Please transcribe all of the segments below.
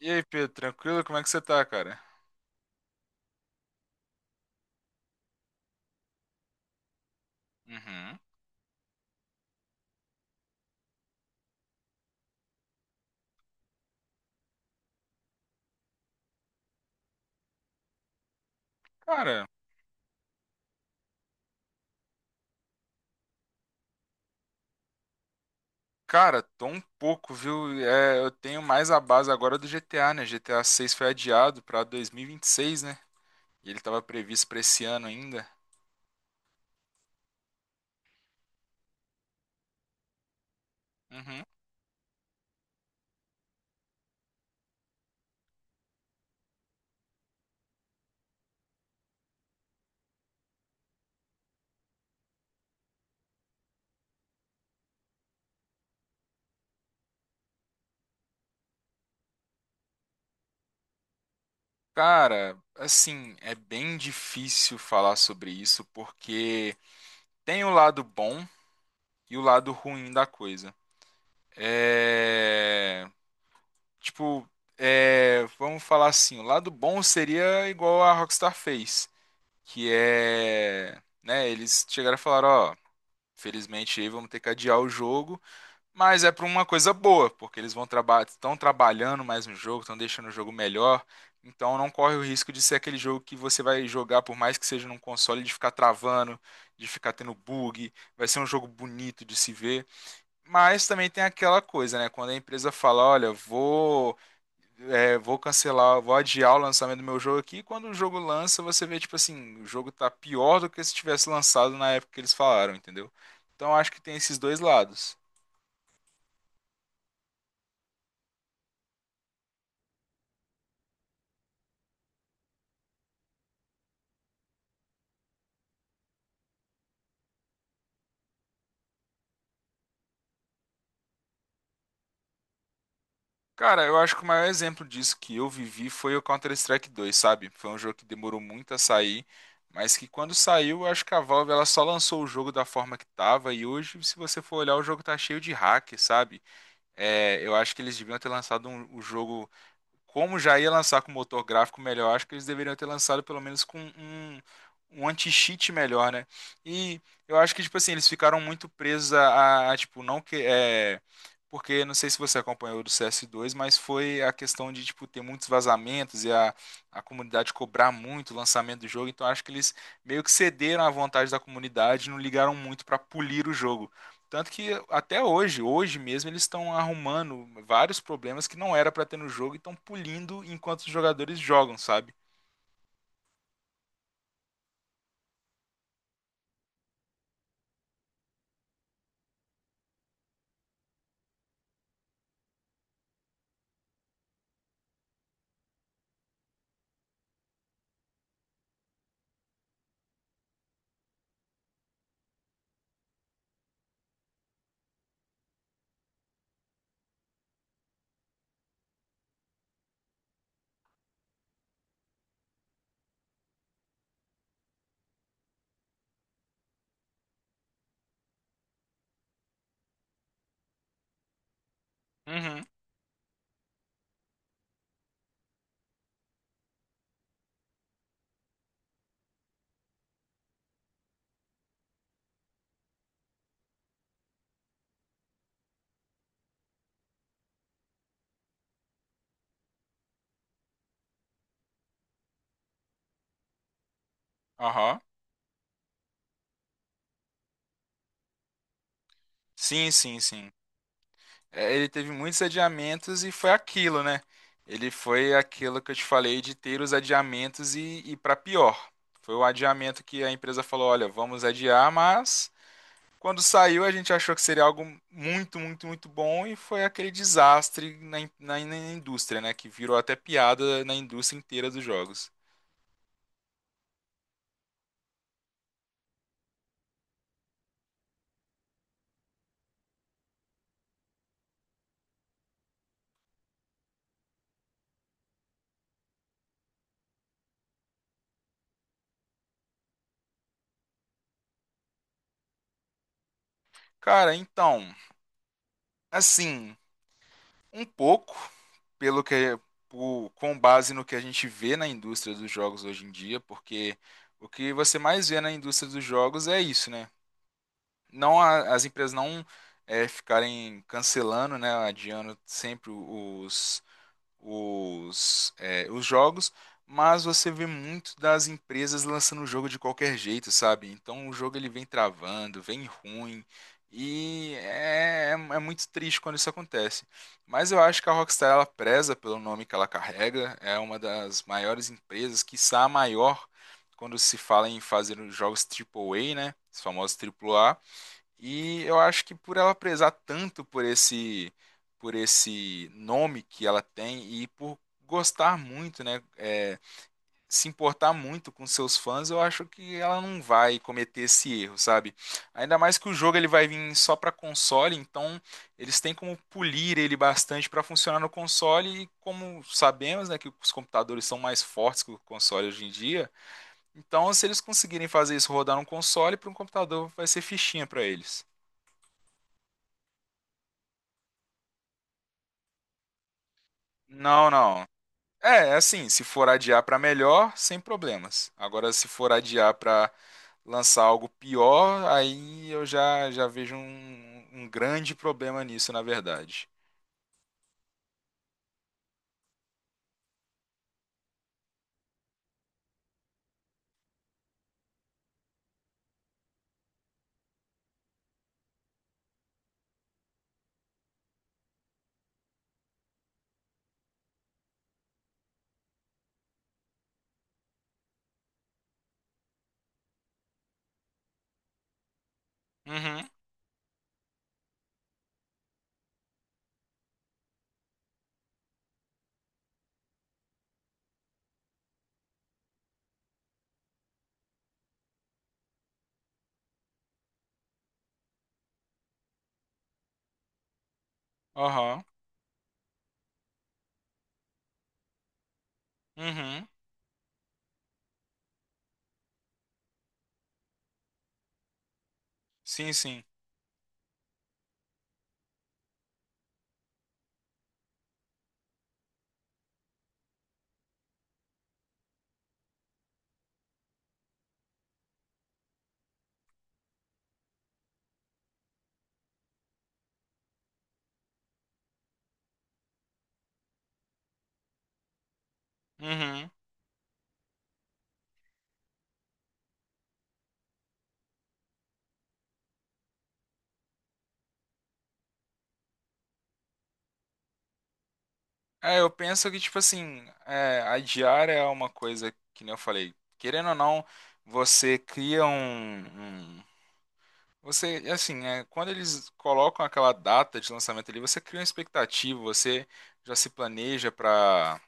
E aí, Pedro, tranquilo? Como é que você tá, cara? Uhum. Cara, cara, tô um pouco, viu? Eu tenho mais a base agora do GTA, né? GTA 6 foi adiado pra 2026, né? E ele tava previsto pra esse ano ainda. Uhum. Cara, assim, é bem difícil falar sobre isso porque tem o lado bom e o lado ruim da coisa. É. Tipo, vamos falar assim: o lado bom seria igual a Rockstar fez, que é, né, eles chegaram e falaram, ó, felizmente aí vamos ter que adiar o jogo, mas é para uma coisa boa, porque eles vão trabalhar, estão trabalhando mais no jogo, estão deixando o jogo melhor, então não corre o risco de ser aquele jogo que você vai jogar por mais que seja num console de ficar travando, de ficar tendo bug, vai ser um jogo bonito de se ver, mas também tem aquela coisa, né, quando a empresa fala, olha, vou cancelar, vou adiar o lançamento do meu jogo aqui. E quando o jogo lança, você vê, tipo assim, o jogo tá pior do que se tivesse lançado na época que eles falaram, entendeu? Então eu acho que tem esses dois lados. Cara, eu acho que o maior exemplo disso que eu vivi foi o Counter-Strike dois, sabe? Foi um jogo que demorou muito a sair, mas que quando saiu, eu acho que a Valve ela só lançou o jogo da forma que tava, e hoje, se você for olhar, o jogo tá cheio de hack, sabe? Eu acho que eles deviam ter lançado o jogo como já ia lançar com motor gráfico melhor, acho que eles deveriam ter lançado pelo menos com um anti-cheat melhor, né? E eu acho que, tipo assim, eles ficaram muito presos tipo, não que. É, porque não sei se você acompanhou do CS2, mas foi a questão de, tipo, ter muitos vazamentos e a comunidade cobrar muito o lançamento do jogo. Então acho que eles meio que cederam à vontade da comunidade e não ligaram muito para polir o jogo. Tanto que até hoje, hoje mesmo, eles estão arrumando vários problemas que não era pra ter no jogo e estão pulindo enquanto os jogadores jogam, sabe? Uhum. Aham. Sim, sim, sim. É, ele teve muitos adiamentos e foi aquilo, né? Ele foi aquilo que eu te falei de ter os adiamentos e para pior. Foi o adiamento que a empresa falou: olha, vamos adiar, mas quando saiu, a gente achou que seria algo muito, muito, muito bom e foi aquele desastre na indústria, né? Que virou até piada na indústria inteira dos jogos. Cara, então, assim, um pouco, pelo que, com base no que a gente vê na indústria dos jogos hoje em dia, porque o que você mais vê na indústria dos jogos é isso, né? As empresas não ficarem cancelando, né? Adiando sempre os os jogos, mas você vê muito das empresas lançando o jogo de qualquer jeito, sabe? Então o jogo ele vem travando, vem ruim, e é muito triste quando isso acontece. Mas eu acho que a Rockstar ela preza pelo nome que ela carrega, é uma das maiores empresas, quiçá a maior, quando se fala em fazer os jogos A A A, né? Os famosos A. A. E eu acho que por ela prezar tanto por esse nome que ela tem e por gostar muito, né, é, se importar muito com seus fãs, eu acho que ela não vai cometer esse erro, sabe? Ainda mais que o jogo ele vai vir só para console, então eles têm como polir ele bastante para funcionar no console e como sabemos, né, que os computadores são mais fortes que o console hoje em dia, então se eles conseguirem fazer isso rodar num console, para um computador vai ser fichinha para eles. Não, não. É, é assim, se for adiar pra melhor, sem problemas. Agora, se for adiar pra lançar algo pior, aí eu já vejo um, um grande problema nisso, na verdade. Uhum, aham, uhum, sim, sim, uhum. É, eu penso que, tipo assim, é, adiar é uma coisa que, nem eu falei, querendo ou não, você cria um você, assim, é, quando eles colocam aquela data de lançamento ali, você cria uma expectativa, você já se planeja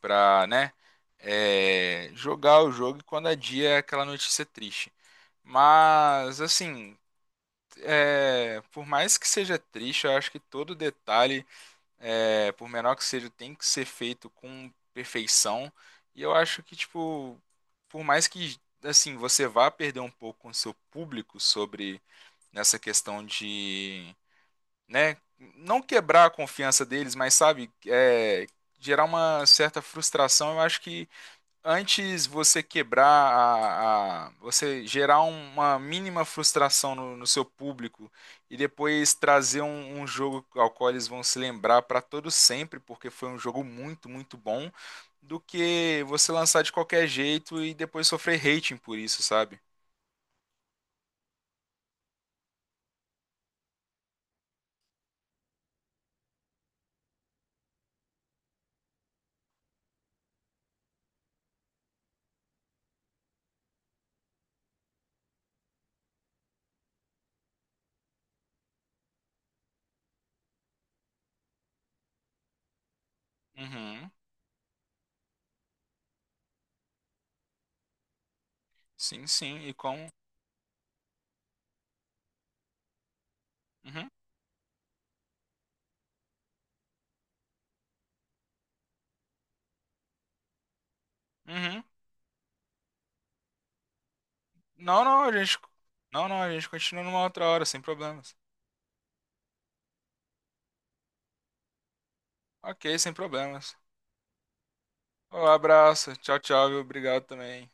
pra, né, é, jogar o jogo e quando é dia é aquela notícia triste. Mas, assim, é, por mais que seja triste, eu acho que todo detalhe, é, por menor que seja, tem que ser feito com perfeição. E eu acho que, tipo, por mais que, assim, você vá perder um pouco com o seu público sobre nessa questão de, né, não quebrar a confiança deles, mas sabe, é, gerar uma certa frustração. Eu acho que antes você você gerar uma mínima frustração no seu público e depois trazer um jogo ao qual eles vão se lembrar para todo sempre, porque foi um jogo muito, muito bom, do que você lançar de qualquer jeito e depois sofrer hating por isso, sabe? Uhum. Sim, sim. E com. Uhum. Uhum. Não, não, a gente. Não, não, a gente continua numa outra hora, sem problemas. Ok, sem problemas. Um abraço. Tchau, tchau, viu? Obrigado também.